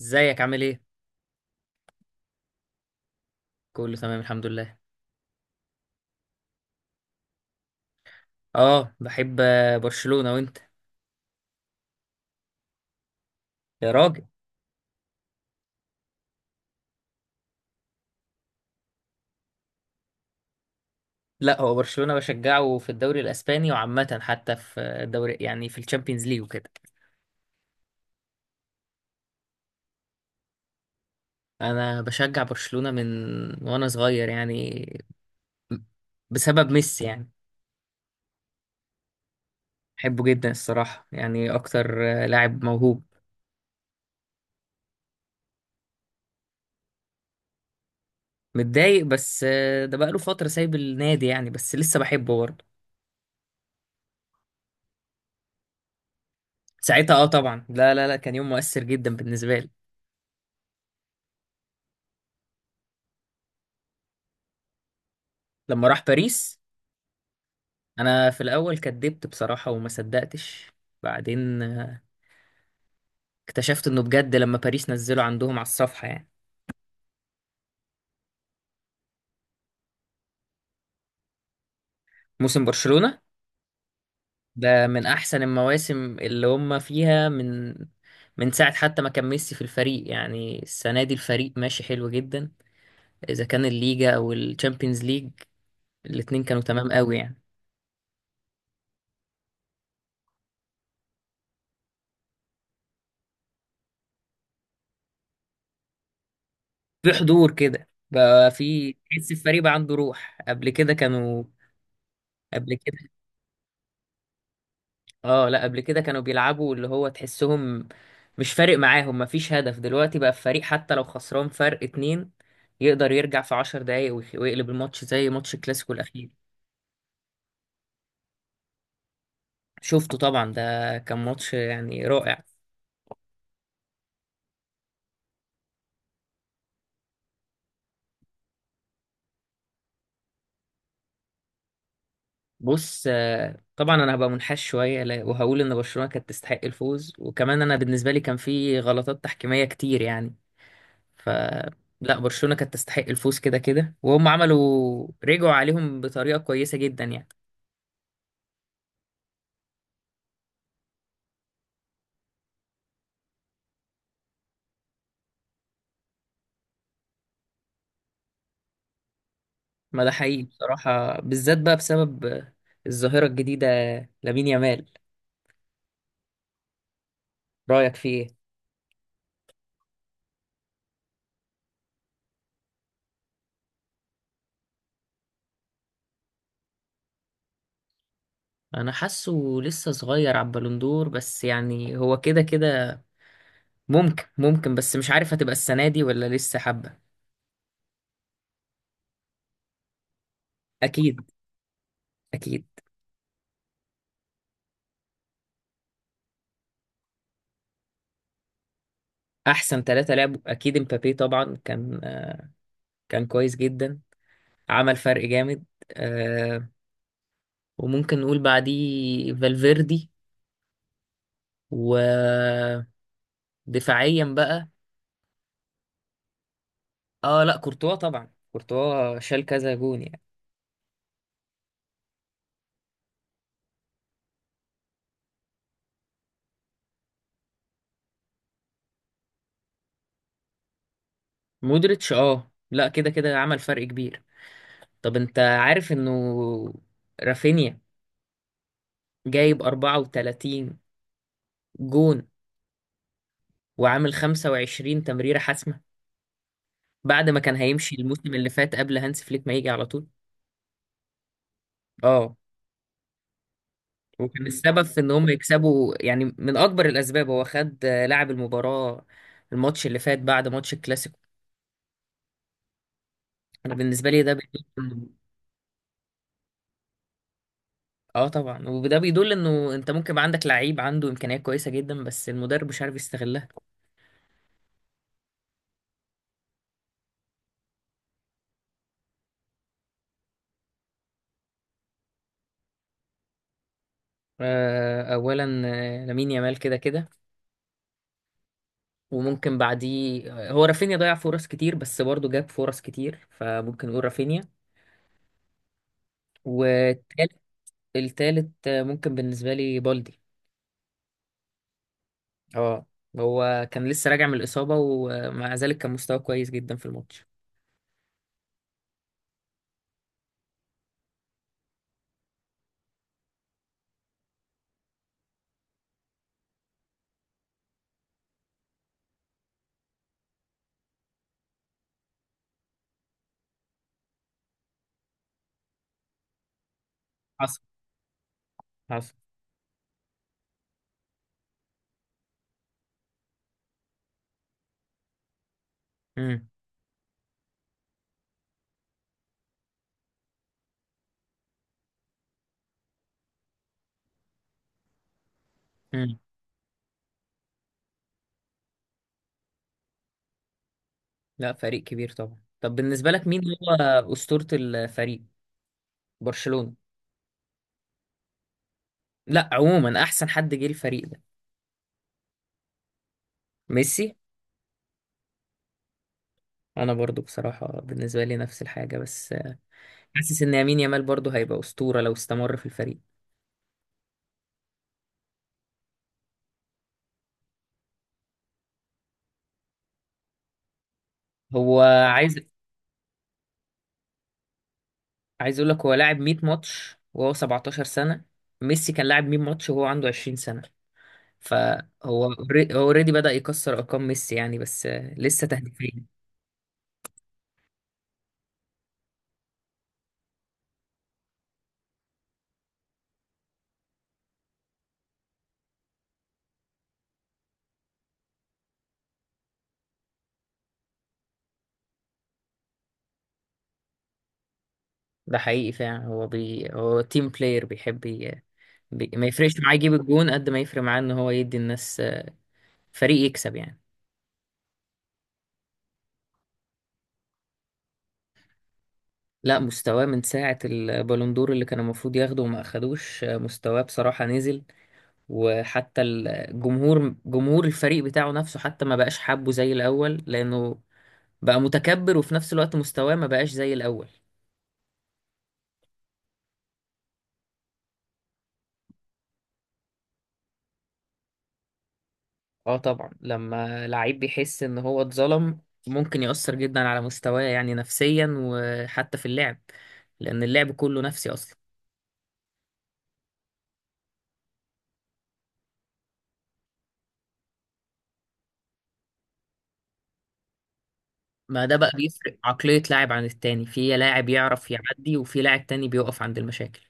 ازيك عامل ايه؟ كله تمام الحمد لله. اه، بحب برشلونة. وانت؟ يا راجل! لا، هو برشلونة بشجعه في الدوري الاسباني، وعامة حتى في الدوري، يعني في الشامبيونز ليج وكده. انا بشجع برشلونة من وانا صغير يعني، بسبب ميسي يعني. بحبه جدا الصراحة، يعني اكتر. لاعب موهوب. متضايق بس. ده بقاله فترة سايب النادي يعني، بس لسه بحبه برضه. ساعتها اه، طبعا. لا لا لا، كان يوم مؤثر جدا بالنسبة لي. لما راح باريس، انا في الاول كدبت بصراحه وما صدقتش. بعدين اكتشفت انه بجد لما باريس نزله عندهم على الصفحه يعني. موسم برشلونه ده من احسن المواسم اللي هم فيها، من ساعه حتى ما كان ميسي في الفريق. يعني السنه دي الفريق ماشي حلو جدا. اذا كان الليجا او الشامبيونز ليج، الاتنين كانوا تمام قوي يعني. في حضور كده بقى، في تحس الفريق بقى عنده روح. قبل كده كانوا قبل كده اه لا قبل كده كانوا بيلعبوا اللي هو تحسهم مش فارق معاهم، مفيش هدف. دلوقتي بقى الفريق حتى لو خسران فرق اتنين، يقدر يرجع في 10 دقايق ويقلب الماتش، زي ماتش الكلاسيكو الأخير. شفته طبعا، ده كان ماتش يعني رائع. بص، طبعا انا هبقى منحاش شويه وهقول ان برشلونه كانت تستحق الفوز، وكمان انا بالنسبه لي كان في غلطات تحكيميه كتير يعني. ف لا، برشلونه كانت تستحق الفوز كده كده، وهم عملوا رجعوا عليهم بطريقه كويسه جدا يعني. ما ده حقيقي بصراحة، بالذات بقى بسبب الظاهرة الجديدة، لامين يامال. رأيك فيه ايه؟ أنا حاسه لسه صغير على البالون دور، بس يعني هو كده كده ممكن، بس مش عارف هتبقى السنة دي ولا لسه حبة. أكيد. أكيد. أحسن ثلاثة لعبوا أكيد امبابي طبعا، كان كويس جدا، عمل فرق جامد. أه. وممكن نقول بعديه فالفيردي. ودفاعيا بقى، اه لا، كورتوا طبعا. كورتوا شال كذا جون يعني. مودريتش اه لا، كده كده عمل فرق كبير. طب انت عارف انه رافينيا جايب 34 جون، وعامل 25 تمريرة حاسمة، بعد ما كان هيمشي الموسم اللي فات قبل هانس فليك ما يجي على طول؟ اه. وكان السبب في ان هم يكسبوا يعني، من اكبر الاسباب. هو خد لاعب المباراة، الماتش اللي فات بعد ماتش الكلاسيكو. انا بالنسبة لي ده بيدل إنه- اه طبعا، وده بيدل انه انت ممكن يبقى عندك لعيب عنده امكانيات كويسة جدا، بس المدرب مش عارف يستغلها. اولا لامين يامال كده كده. وممكن بعديه، هو رافينيا ضيع فرص كتير، بس برضه جاب فرص كتير، فممكن نقول رافينيا. والتالت ممكن بالنسبه لي بالدي. اه، هو كان لسه راجع من الاصابه، ومع ذلك كان مستواه كويس جدا في الماتش. حصل. حصل. امم. امم. لا، فريق كبير طبعا. طب بالنسبه لك مين هو اسطوره الفريق، برشلونه؟ لا، عموما احسن حد جه الفريق ده، ميسي. انا برضو بصراحه بالنسبه لي نفس الحاجه، بس حاسس ان يمين يامال برضه هيبقى اسطوره لو استمر في الفريق. هو عايز عايز اقول لك، هو لاعب 100 ماتش وهو 17 سنه. ميسي كان لاعب 100 ماتش وهو عنده 20 سنه. هو اوريدي بدأ يكسر ارقام ميسي يعني، بس لسه تهديفين. ده حقيقي فعلا. هو تيم بلاير، ما يفرقش معاه يجيب الجون قد ما يفرق معاه ان هو يدي الناس فريق يكسب يعني. لا، مستواه من ساعة البالون دور اللي كان المفروض ياخده وما اخدوش، مستواه بصراحة نزل. وحتى جمهور الفريق بتاعه نفسه، حتى ما بقاش حابه زي الأول، لأنه بقى متكبر، وفي نفس الوقت مستواه ما بقاش زي الأول. اه طبعا، لما لعيب بيحس ان هو اتظلم، ممكن يأثر جدا على مستواه يعني نفسيا، وحتى في اللعب، لأن اللعب كله نفسي أصلا. ما ده بقى بيفرق عقلية لاعب عن التاني. في لاعب يعرف يعدي، وفي لاعب تاني بيقف عند المشاكل.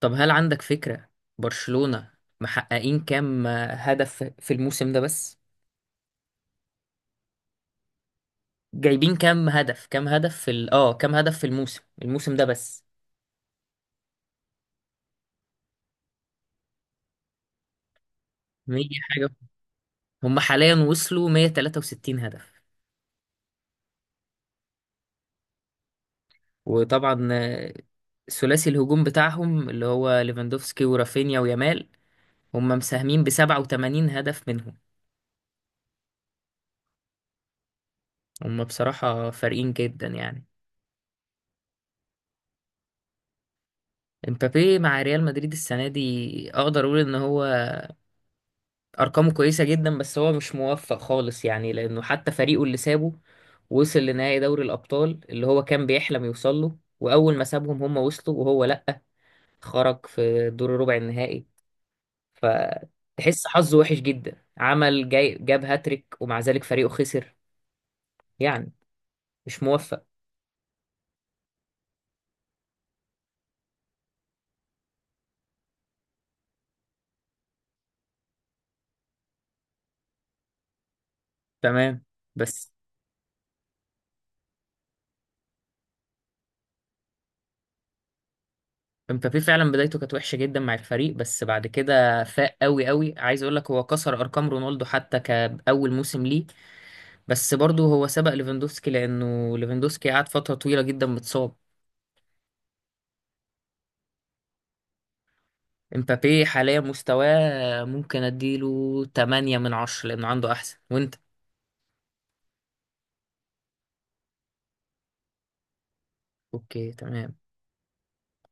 طب هل عندك فكرة برشلونة محققين كام هدف في الموسم ده بس؟ جايبين كام هدف كام هدف في ال... اه كام هدف في الموسم ده بس. 100 حاجة. هم حاليا وصلوا 163 هدف. وطبعا ثلاثي الهجوم بتاعهم اللي هو ليفاندوفسكي ورافينيا ويامال، هم مساهمين ب 87 هدف منهم. هم بصراحة فارقين جدا يعني. امبابي مع ريال مدريد السنة دي اقدر اقول ان هو ارقامه كويسه جدا، بس هو مش موفق خالص يعني. لانه حتى فريقه اللي سابه وصل لنهائي دوري الابطال اللي هو كان بيحلم يوصل له، واول ما سابهم هم وصلوا، وهو لا، خرج في دور ربع النهائي. فتحس حظه وحش جدا، عمل جاي جاب هاتريك ومع ذلك فريقه خسر. يعني مش موفق. تمام. بس مبابي فعلا بدايته كانت وحشه جدا مع الفريق، بس بعد كده فاق قوي قوي. عايز اقول لك، هو كسر ارقام رونالدو حتى كاول موسم ليه. بس برضه هو سبق ليفاندوفسكي، لأنه ليفاندوفسكي قعد فترة طويلة جدا متصاب. امبابي حاليا مستواه ممكن اديله 8 من 10، لأنه عنده أحسن. وأنت؟ أوكي، تمام.